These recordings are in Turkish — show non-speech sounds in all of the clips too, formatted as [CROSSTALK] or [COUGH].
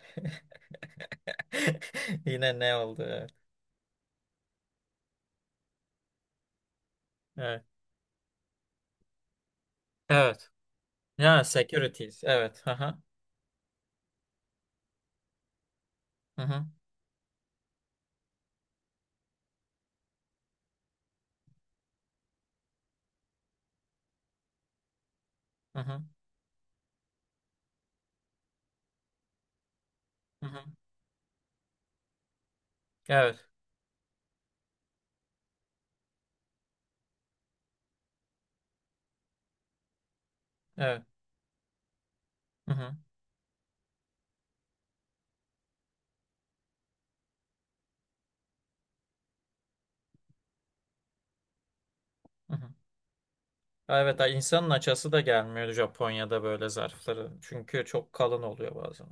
[LAUGHS] Yine ne oldu? Evet. Evet. Evet. Ya securities. Evet. Aha. Hı hı. Hı hı. Hı hı hı. Evet. Evet. Hı hı. Hı hı. Evet, ay insanın açası da gelmiyor Japonya'da böyle zarfları. Çünkü çok kalın oluyor bazen.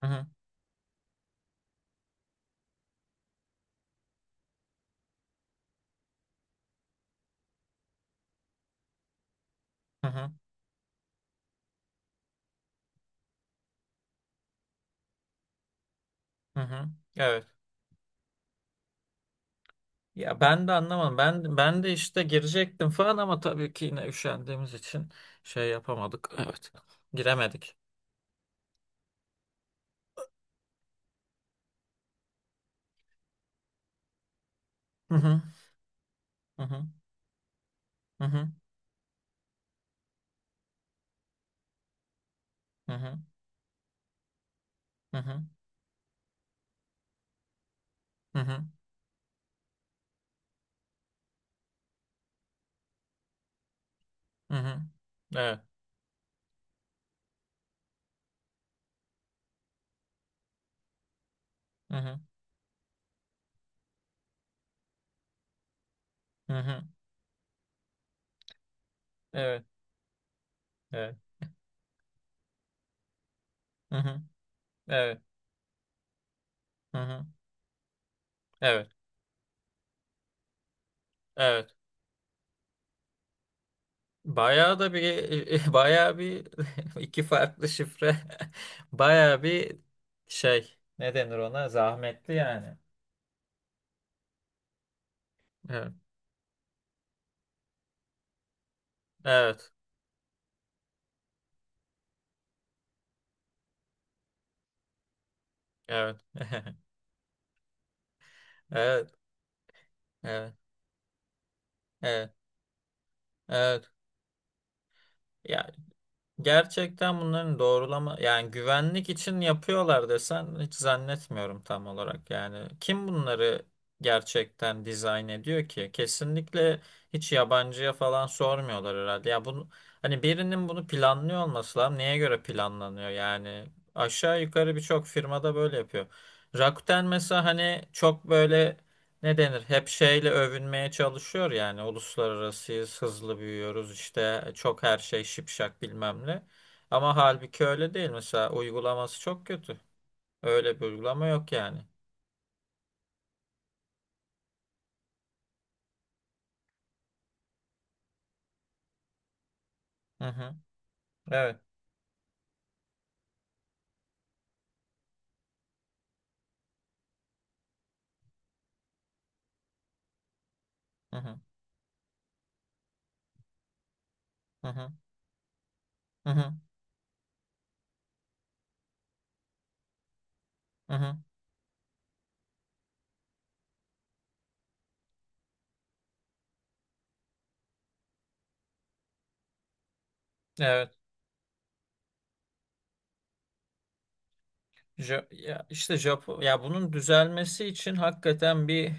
Hı hı. Hı hı. Hı hı. Evet. Ya ben de anlamadım. Ben de işte girecektim falan ama tabii ki yine üşendiğimiz için şey yapamadık. Evet. Giremedik. Hı hı. Hı hı. Hı hı. Hı hı. Hı hı. Hı hı. Hı hı. Evet. Hı hı. Hı hı. Evet. Evet. Hı hı. Evet. Hı hı. Evet. Evet. Bayağı da bir, [LAUGHS] bayağı bir, [LAUGHS] iki farklı şifre. [LAUGHS] Bayağı bir şey. Ne denir ona? Zahmetli yani. Evet. Evet. Evet. [LAUGHS] Evet. Evet. Evet. Evet. Ya gerçekten bunların doğrulama yani güvenlik için yapıyorlar desen hiç zannetmiyorum tam olarak. Yani kim bunları gerçekten dizayn ediyor ki? Kesinlikle hiç yabancıya falan sormuyorlar herhalde ya bunu. Hani birinin bunu planlıyor olması lazım, neye göre planlanıyor yani? Aşağı yukarı birçok firmada böyle yapıyor. Rakuten mesela, hani çok böyle, ne denir? Hep şeyle övünmeye çalışıyor yani. Uluslararasıyız, hızlı büyüyoruz işte, çok her şey şipşak bilmem ne. Ama halbuki öyle değil. Mesela uygulaması çok kötü. Öyle bir uygulama yok yani. Hı hı. Evet. Hı hı. Hı hı. Hı hı. Hı hı. Evet. Ya işte Japon, ya bunun düzelmesi için hakikaten bir,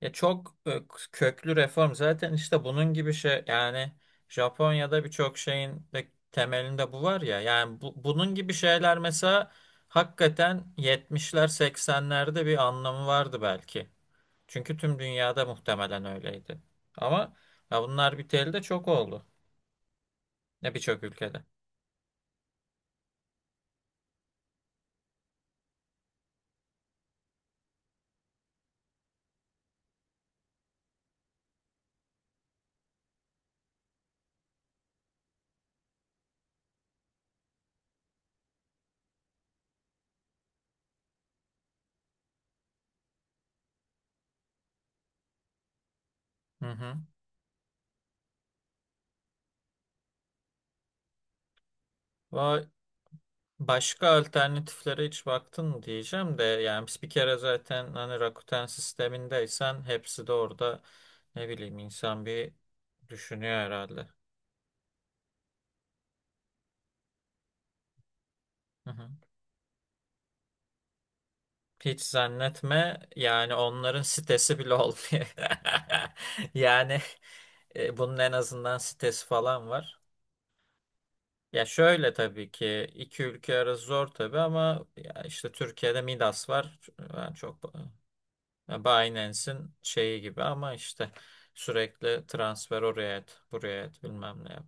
ya çok köklü reform zaten. İşte bunun gibi şey yani, Japonya'da birçok şeyin de temelinde bu var ya. Yani bunun gibi şeyler mesela hakikaten 70'ler 80'lerde bir anlamı vardı belki. Çünkü tüm dünyada muhtemelen öyleydi. Ama ya bunlar biteli de çok oldu. Ya birçok ülkede. Hı hı. Vay. Başka alternatiflere hiç baktın mı diyeceğim de, yani biz bir kere zaten hani Rakuten sistemindeysen hepsi de orada, ne bileyim, insan bir düşünüyor herhalde. Hı hı. Hiç zannetme yani, onların sitesi bile olmuyor. [LAUGHS] Yani bunun en azından sitesi falan var. Ya şöyle, tabii ki iki ülke arası zor tabii, ama ya işte Türkiye'de Midas var. Ben çok, ya Binance'in şeyi gibi, ama işte sürekli transfer oraya et, buraya et, bilmem ne yap.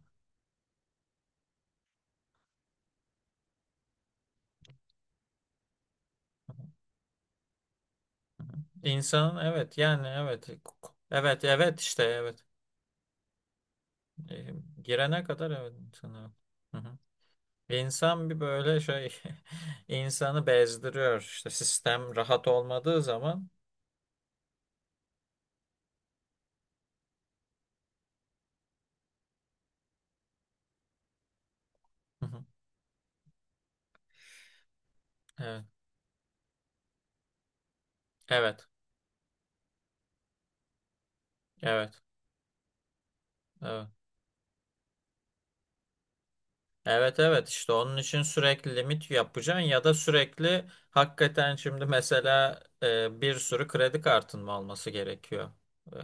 İnsanın, evet, yani evet, evet evet işte evet. E, girene kadar evet, insan, evet. Hı hı. İnsan bir böyle şey, [LAUGHS] insanı bezdiriyor işte sistem rahat olmadığı zaman. Hı hı. Evet evet evet evet. Evet evet, işte onun için sürekli limit yapacaksın ya da sürekli hakikaten. Şimdi mesela bir sürü kredi kartın mı olması gerekiyor? E,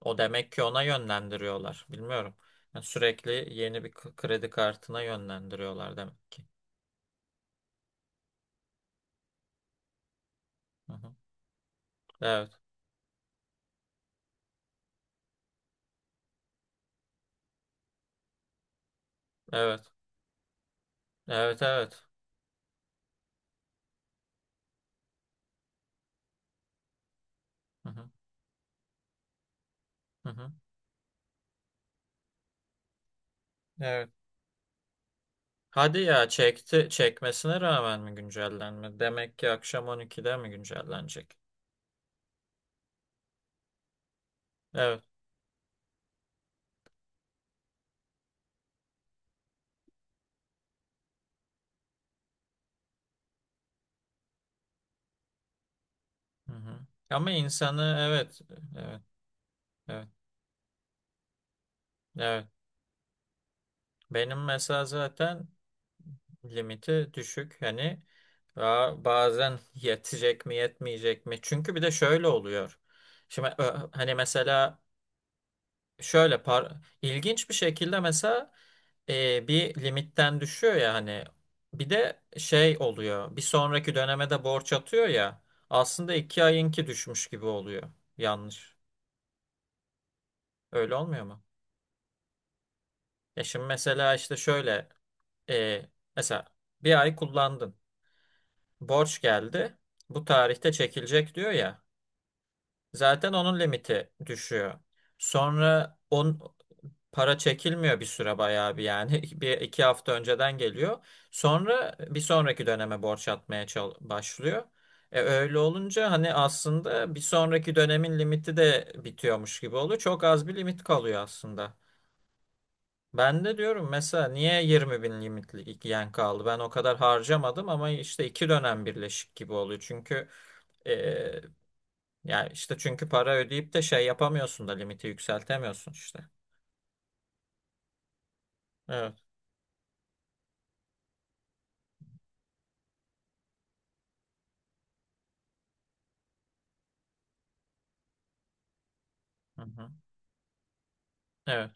o demek ki ona yönlendiriyorlar. Bilmiyorum. Yani sürekli yeni bir kredi kartına yönlendiriyorlar demek ki. Hı hı. Evet evet evet evet. Hı hı. Hı hı. Evet. Hadi ya, çekti çekmesine rağmen mi güncellenme? Demek ki akşam 12'de mi güncellenecek? Evet. Hı hı. Ama insanı, evet evet. Evet. Evet. Benim mesela zaten limiti düşük. Hani ba- bazen [LAUGHS] yetecek mi yetmeyecek mi? Çünkü bir de şöyle oluyor. Şimdi hani mesela şöyle ilginç bir şekilde mesela bir limitten düşüyor ya. Hani bir de şey oluyor, bir sonraki döneme de borç atıyor ya. Aslında iki ayınki düşmüş gibi oluyor. Yanlış. Öyle olmuyor mu? Ya şimdi mesela işte şöyle, e, mesela bir ay kullandın, borç geldi. Bu tarihte çekilecek diyor ya. Zaten onun limiti düşüyor. Sonra para çekilmiyor bir süre, bayağı bir yani, [LAUGHS] bir iki hafta önceden geliyor. Sonra bir sonraki döneme borç atmaya başlıyor. E öyle olunca hani aslında bir sonraki dönemin limiti de bitiyormuş gibi oluyor. Çok az bir limit kalıyor aslında. Ben de diyorum mesela, niye 20.000 limitli yen kaldı? Ben o kadar harcamadım, ama işte iki dönem birleşik gibi oluyor. Çünkü eee yani işte, çünkü para ödeyip de şey yapamıyorsun da limiti yükseltemiyorsun işte. Evet. Hı-hı. Evet.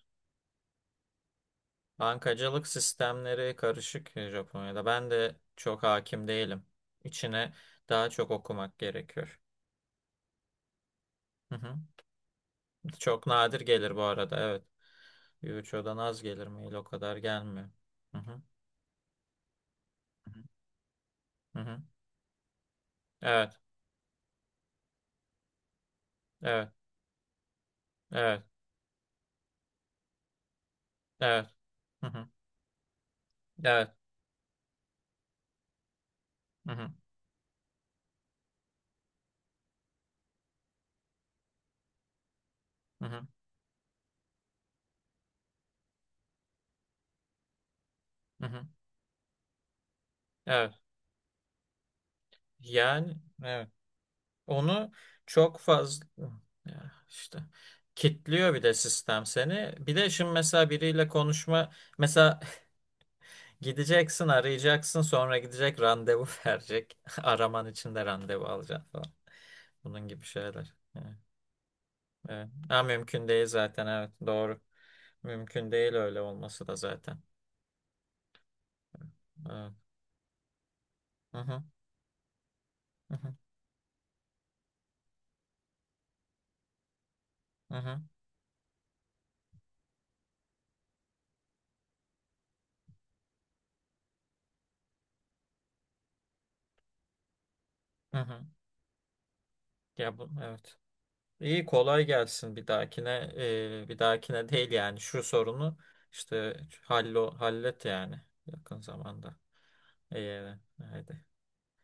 Bankacılık sistemleri karışık Japonya'da. Ben de çok hakim değilim. İçine daha çok okumak gerekiyor. Hı-hı. Çok nadir gelir bu arada. Evet. Yuicho'dan az gelir mail, o kadar gelmiyor. Hı-hı. Hı-hı. Evet. Evet. Evet, evet. Hı hı. Evet. Hı hı. Hı hı. Hı hı. Evet. Yani, evet. Onu çok fazla ya işte kitliyor bir de sistem seni. Bir de şimdi mesela biriyle konuşma mesela, [LAUGHS] gideceksin, arayacaksın, sonra gidecek randevu [LAUGHS] verecek. Araman için de randevu alacaksın falan. Bunun gibi şeyler. Evet. Evet. Ha, mümkün değil zaten, evet doğru. Mümkün değil öyle olması da zaten. Evet. Hı hı. Hı hı. Hı hı. Hı hı. Ya bu, evet. İyi, kolay gelsin bir dahakine. Bir dahakine değil yani, şu sorunu işte hallet yani yakın zamanda. İyi, haydi.